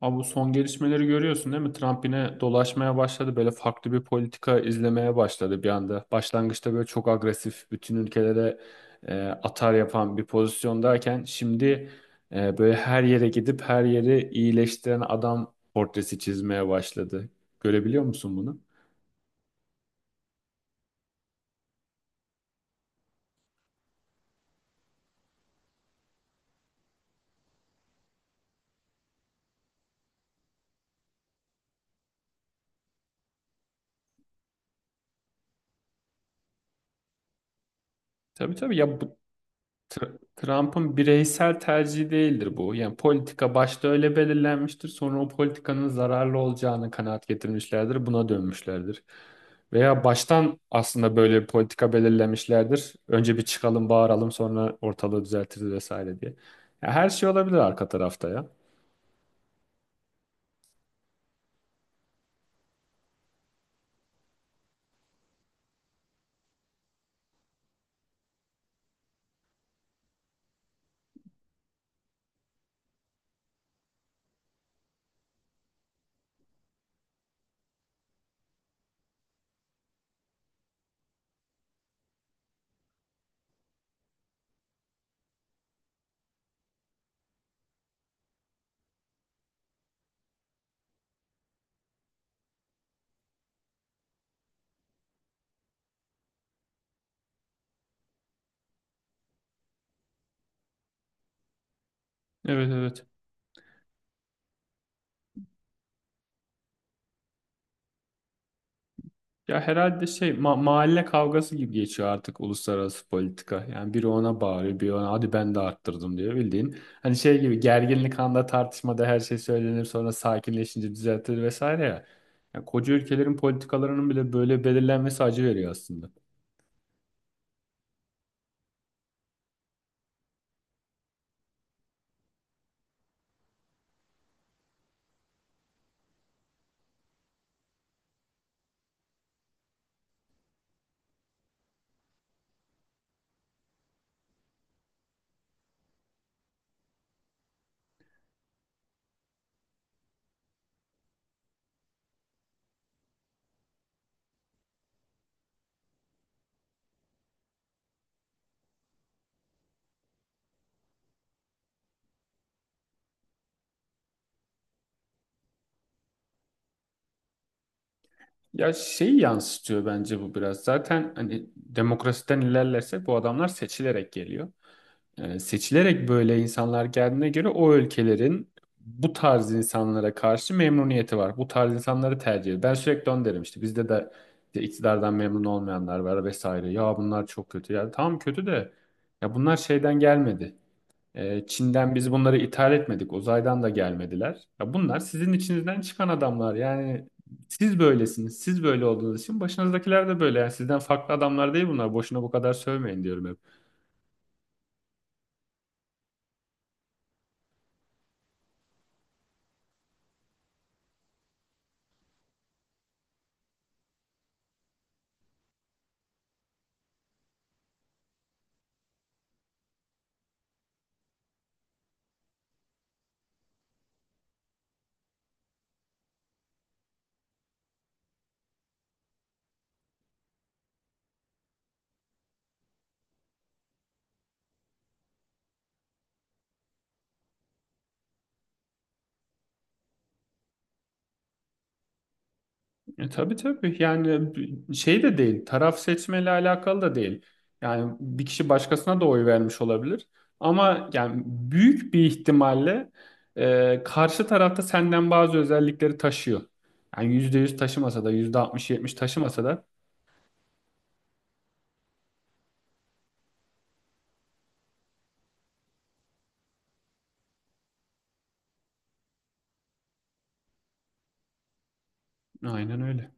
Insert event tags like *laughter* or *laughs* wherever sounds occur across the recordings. Abi bu son gelişmeleri görüyorsun değil mi? Trump yine dolaşmaya başladı. Böyle farklı bir politika izlemeye başladı bir anda. Başlangıçta böyle çok agresif, bütün ülkelere atar yapan bir pozisyondayken şimdi böyle her yere gidip her yeri iyileştiren adam portresi çizmeye başladı. Görebiliyor musun bunu? Tabii tabii ya bu Trump'ın bireysel tercihi değildir bu. Yani politika başta öyle belirlenmiştir. Sonra o politikanın zararlı olacağını kanaat getirmişlerdir. Buna dönmüşlerdir. Veya baştan aslında böyle bir politika belirlemişlerdir. Önce bir çıkalım, bağıralım, sonra ortalığı düzeltiriz vesaire diye. Ya her şey olabilir arka tarafta ya. Evet evet. Ya herhalde şey mahalle kavgası gibi geçiyor artık uluslararası politika. Yani biri ona bağırıyor, biri ona hadi ben de arttırdım diyor bildiğin. Hani şey gibi gerginlik anda tartışmada her şey söylenir sonra sakinleşince düzeltilir vesaire ya. Yani koca ülkelerin politikalarının bile böyle belirlenmesi acı veriyor aslında. Ya şeyi yansıtıyor bence bu biraz. Zaten hani demokrasiden ilerlersek bu adamlar seçilerek geliyor. Seçilerek böyle insanlar geldiğine göre o ülkelerin bu tarz insanlara karşı memnuniyeti var. Bu tarz insanları tercih ediyor. Ben sürekli onu derim işte bizde de işte iktidardan memnun olmayanlar var vesaire. Ya bunlar çok kötü. Ya tamam kötü de ya bunlar şeyden gelmedi. Çin'den biz bunları ithal etmedik. Uzaydan da gelmediler. Ya bunlar sizin içinizden çıkan adamlar. Yani siz böylesiniz. Siz böyle olduğunuz için başınızdakiler de böyle. Yani sizden farklı adamlar değil bunlar. Boşuna bu kadar sövmeyin diyorum hep. Tabii tabii yani şey de değil, taraf seçmeyle alakalı da değil. Yani bir kişi başkasına da oy vermiş olabilir. Ama yani büyük bir ihtimalle karşı tarafta senden bazı özellikleri taşıyor. Yani %100 taşımasa da %60 70 taşımasa da aynen öyle.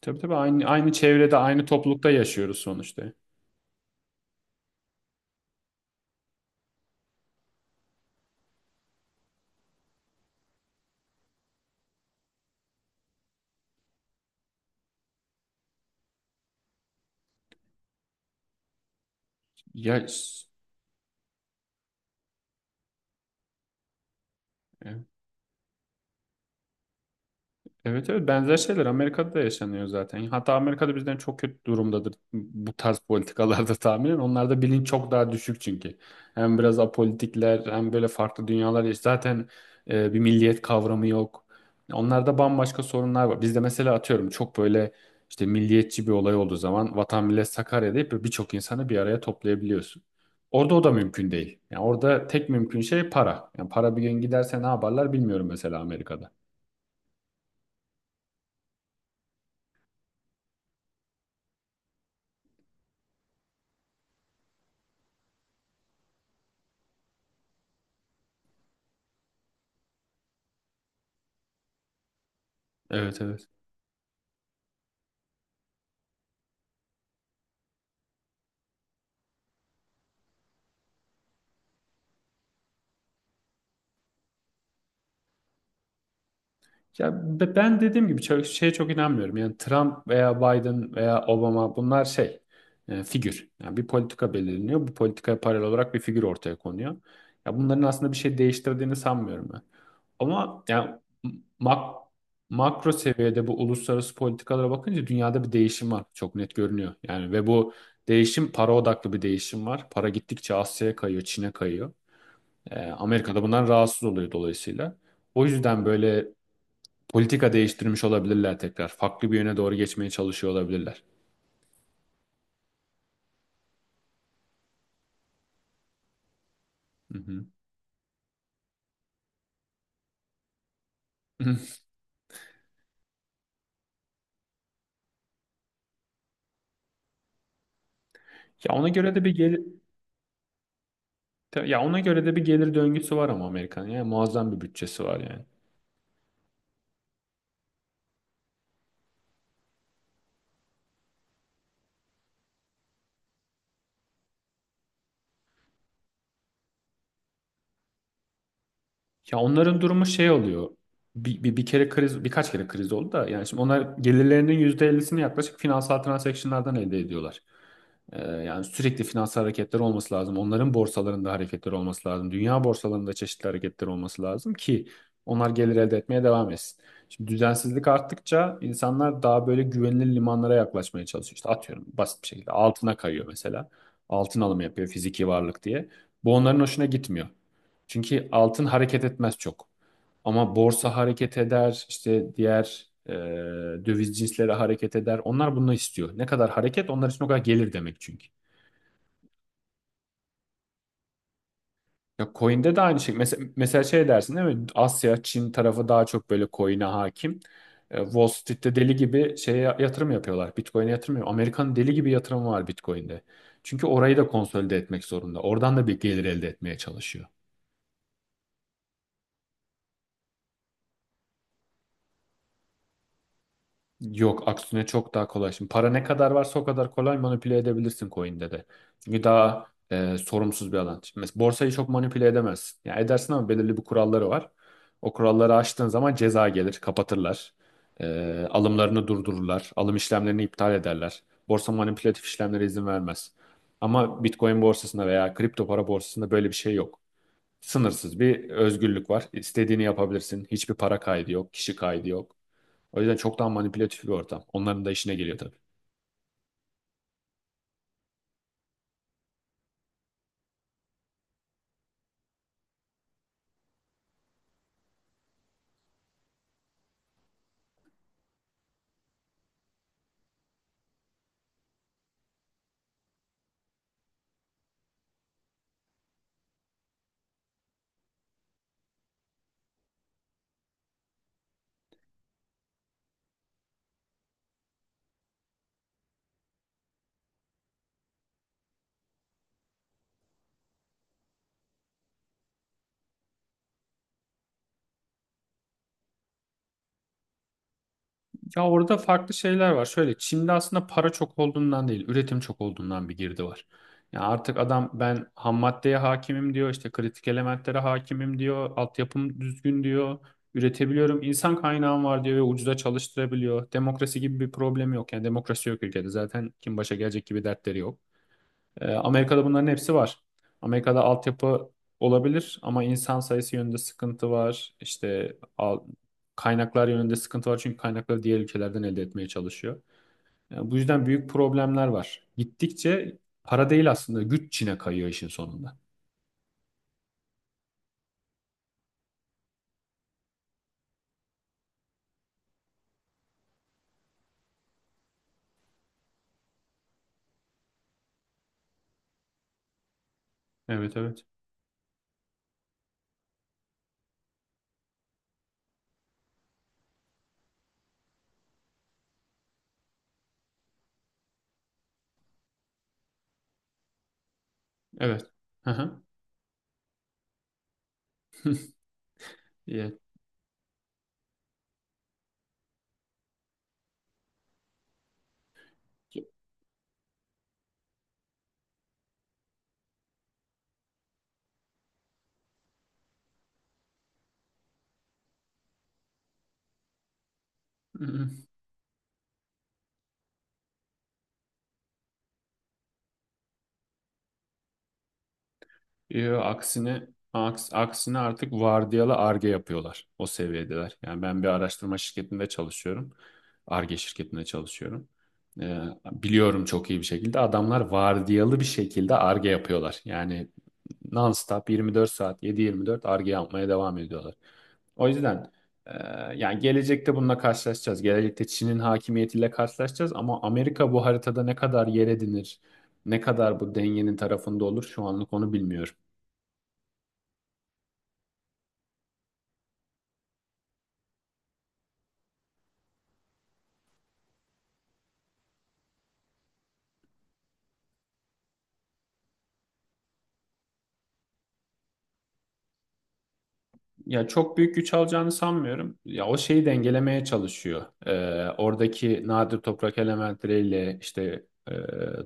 Tabii tabii aynı çevrede aynı toplulukta yaşıyoruz sonuçta. Ya, evet evet, benzer şeyler Amerika'da da yaşanıyor zaten. Hatta Amerika'da bizden çok kötü durumdadır bu tarz politikalarda tahminen. Onlarda bilinç çok daha düşük çünkü. Hem biraz apolitikler hem böyle farklı dünyalar zaten bir milliyet kavramı yok. Onlarda bambaşka sorunlar var. Bizde mesela atıyorum çok böyle işte milliyetçi bir olay olduğu zaman Vatan Millet Sakarya deyip birçok insanı bir araya toplayabiliyorsun. Orada o da mümkün değil. Yani orada tek mümkün şey para. Yani para bir gün giderse ne yaparlar bilmiyorum mesela Amerika'da. Evet evet. Ya ben dediğim gibi çok, şeye çok inanmıyorum. Yani Trump veya Biden veya Obama bunlar şey figür. Yani bir politika belirleniyor. Bu politikaya paralel olarak bir figür ortaya konuyor. Ya bunların aslında bir şey değiştirdiğini sanmıyorum ben. Ama yani mak makro seviyede bu uluslararası politikalara bakınca dünyada bir değişim var. Çok net görünüyor. Yani ve bu değişim para odaklı bir değişim var. Para gittikçe Asya'ya kayıyor, Çin'e kayıyor. Amerika da bundan rahatsız oluyor dolayısıyla. O yüzden böyle politika değiştirmiş olabilirler tekrar. Farklı bir yöne doğru geçmeye çalışıyor olabilirler. Hı hı. *laughs* Hı. Ya ona göre de bir gelir ya ona göre de bir gelir döngüsü var ama Amerika'nın yani muazzam bir bütçesi var yani. Ya onların durumu şey oluyor. Bir kere kriz, birkaç kere kriz oldu da yani şimdi onlar gelirlerinin %50'sini yaklaşık finansal transaction'lardan elde ediyorlar. Yani sürekli finansal hareketler olması lazım. Onların borsalarında hareketler olması lazım. Dünya borsalarında çeşitli hareketler olması lazım ki onlar gelir elde etmeye devam etsin. Şimdi düzensizlik arttıkça insanlar daha böyle güvenilir limanlara yaklaşmaya çalışıyor. İşte atıyorum basit bir şekilde altına kayıyor mesela. Altın alımı yapıyor fiziki varlık diye. Bu onların hoşuna gitmiyor. Çünkü altın hareket etmez çok. Ama borsa hareket eder, işte diğer döviz cinsleri hareket eder. Onlar bunu istiyor. Ne kadar hareket onlar için o kadar gelir demek çünkü. Ya coin'de de aynı şey. Mesela şey dersin değil mi? Asya, Çin tarafı daha çok böyle coin'e hakim. Wall Street'te deli gibi şeye yatırım yapıyorlar. Bitcoin'e yatırım yapıyor. Amerika'nın deli gibi yatırımı var Bitcoin'de. Çünkü orayı da konsolide etmek zorunda. Oradan da bir gelir elde etmeye çalışıyor. Yok aksine çok daha kolay. Şimdi para ne kadar varsa o kadar kolay manipüle edebilirsin coin'de de. Çünkü daha sorumsuz bir alan. Şimdi mesela borsayı çok manipüle edemezsin. Yani edersin ama belirli bir kuralları var. O kuralları aştığın zaman ceza gelir, kapatırlar. Alımlarını durdururlar. Alım işlemlerini iptal ederler. Borsa manipülatif işlemlere izin vermez. Ama Bitcoin borsasında veya kripto para borsasında böyle bir şey yok. Sınırsız bir özgürlük var. İstediğini yapabilirsin. Hiçbir para kaydı yok, kişi kaydı yok. O yüzden çok daha manipülatif bir ortam. Onların da işine geliyor tabii. Ya orada farklı şeyler var. Şöyle Çin'de aslında para çok olduğundan değil, üretim çok olduğundan bir girdi var. Ya artık adam ben ham maddeye hakimim diyor, işte kritik elementlere hakimim diyor, altyapım düzgün diyor, üretebiliyorum, insan kaynağım var diyor ve ucuza çalıştırabiliyor. Demokrasi gibi bir problem yok. Yani demokrasi yok ülkede. Zaten kim başa gelecek gibi dertleri yok. Amerika'da bunların hepsi var. Amerika'da altyapı olabilir ama insan sayısı yönünde sıkıntı var. İşte kaynaklar yönünde sıkıntı var çünkü kaynakları diğer ülkelerden elde etmeye çalışıyor. Yani bu yüzden büyük problemler var. Gittikçe para değil aslında güç Çin'e kayıyor işin sonunda. Evet evet. Evet. Hı hı. Evet. Yo, aksine artık vardiyalı arge yapıyorlar. O seviyedeler. Yani ben bir araştırma şirketinde çalışıyorum. Arge şirketinde çalışıyorum. Ee, Biliyorum, çok iyi bir şekilde adamlar vardiyalı bir şekilde arge yapıyorlar. Yani non-stop 24 saat 7/24 arge yapmaya devam ediyorlar. O yüzden e, yani gelecekte bununla karşılaşacağız. Gelecekte Çin'in hakimiyetiyle karşılaşacağız ama Amerika bu haritada ne kadar yer edinir, ne kadar bu dengenin tarafında olur şu anlık onu bilmiyorum. Ya çok büyük güç alacağını sanmıyorum. Ya o şeyi dengelemeye çalışıyor. Oradaki nadir toprak elementleriyle işte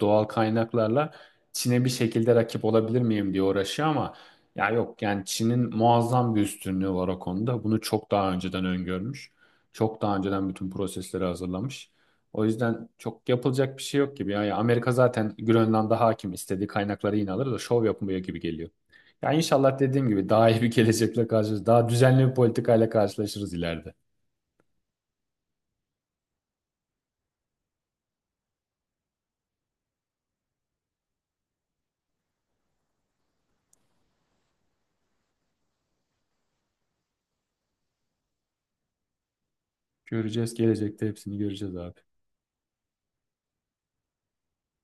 doğal kaynaklarla Çin'e bir şekilde rakip olabilir miyim diye uğraşıyor ama ya yok yani Çin'in muazzam bir üstünlüğü var o konuda. Bunu çok daha önceden öngörmüş. Çok daha önceden bütün prosesleri hazırlamış. O yüzden çok yapılacak bir şey yok gibi. Ya Amerika zaten Grönland'a hakim, istediği kaynakları yine alır da şov yapmıyor gibi geliyor. Yani inşallah dediğim gibi daha iyi bir gelecekle karşılaşırız. Daha düzenli bir politikayla karşılaşırız ileride. Göreceğiz, gelecekte hepsini göreceğiz abi.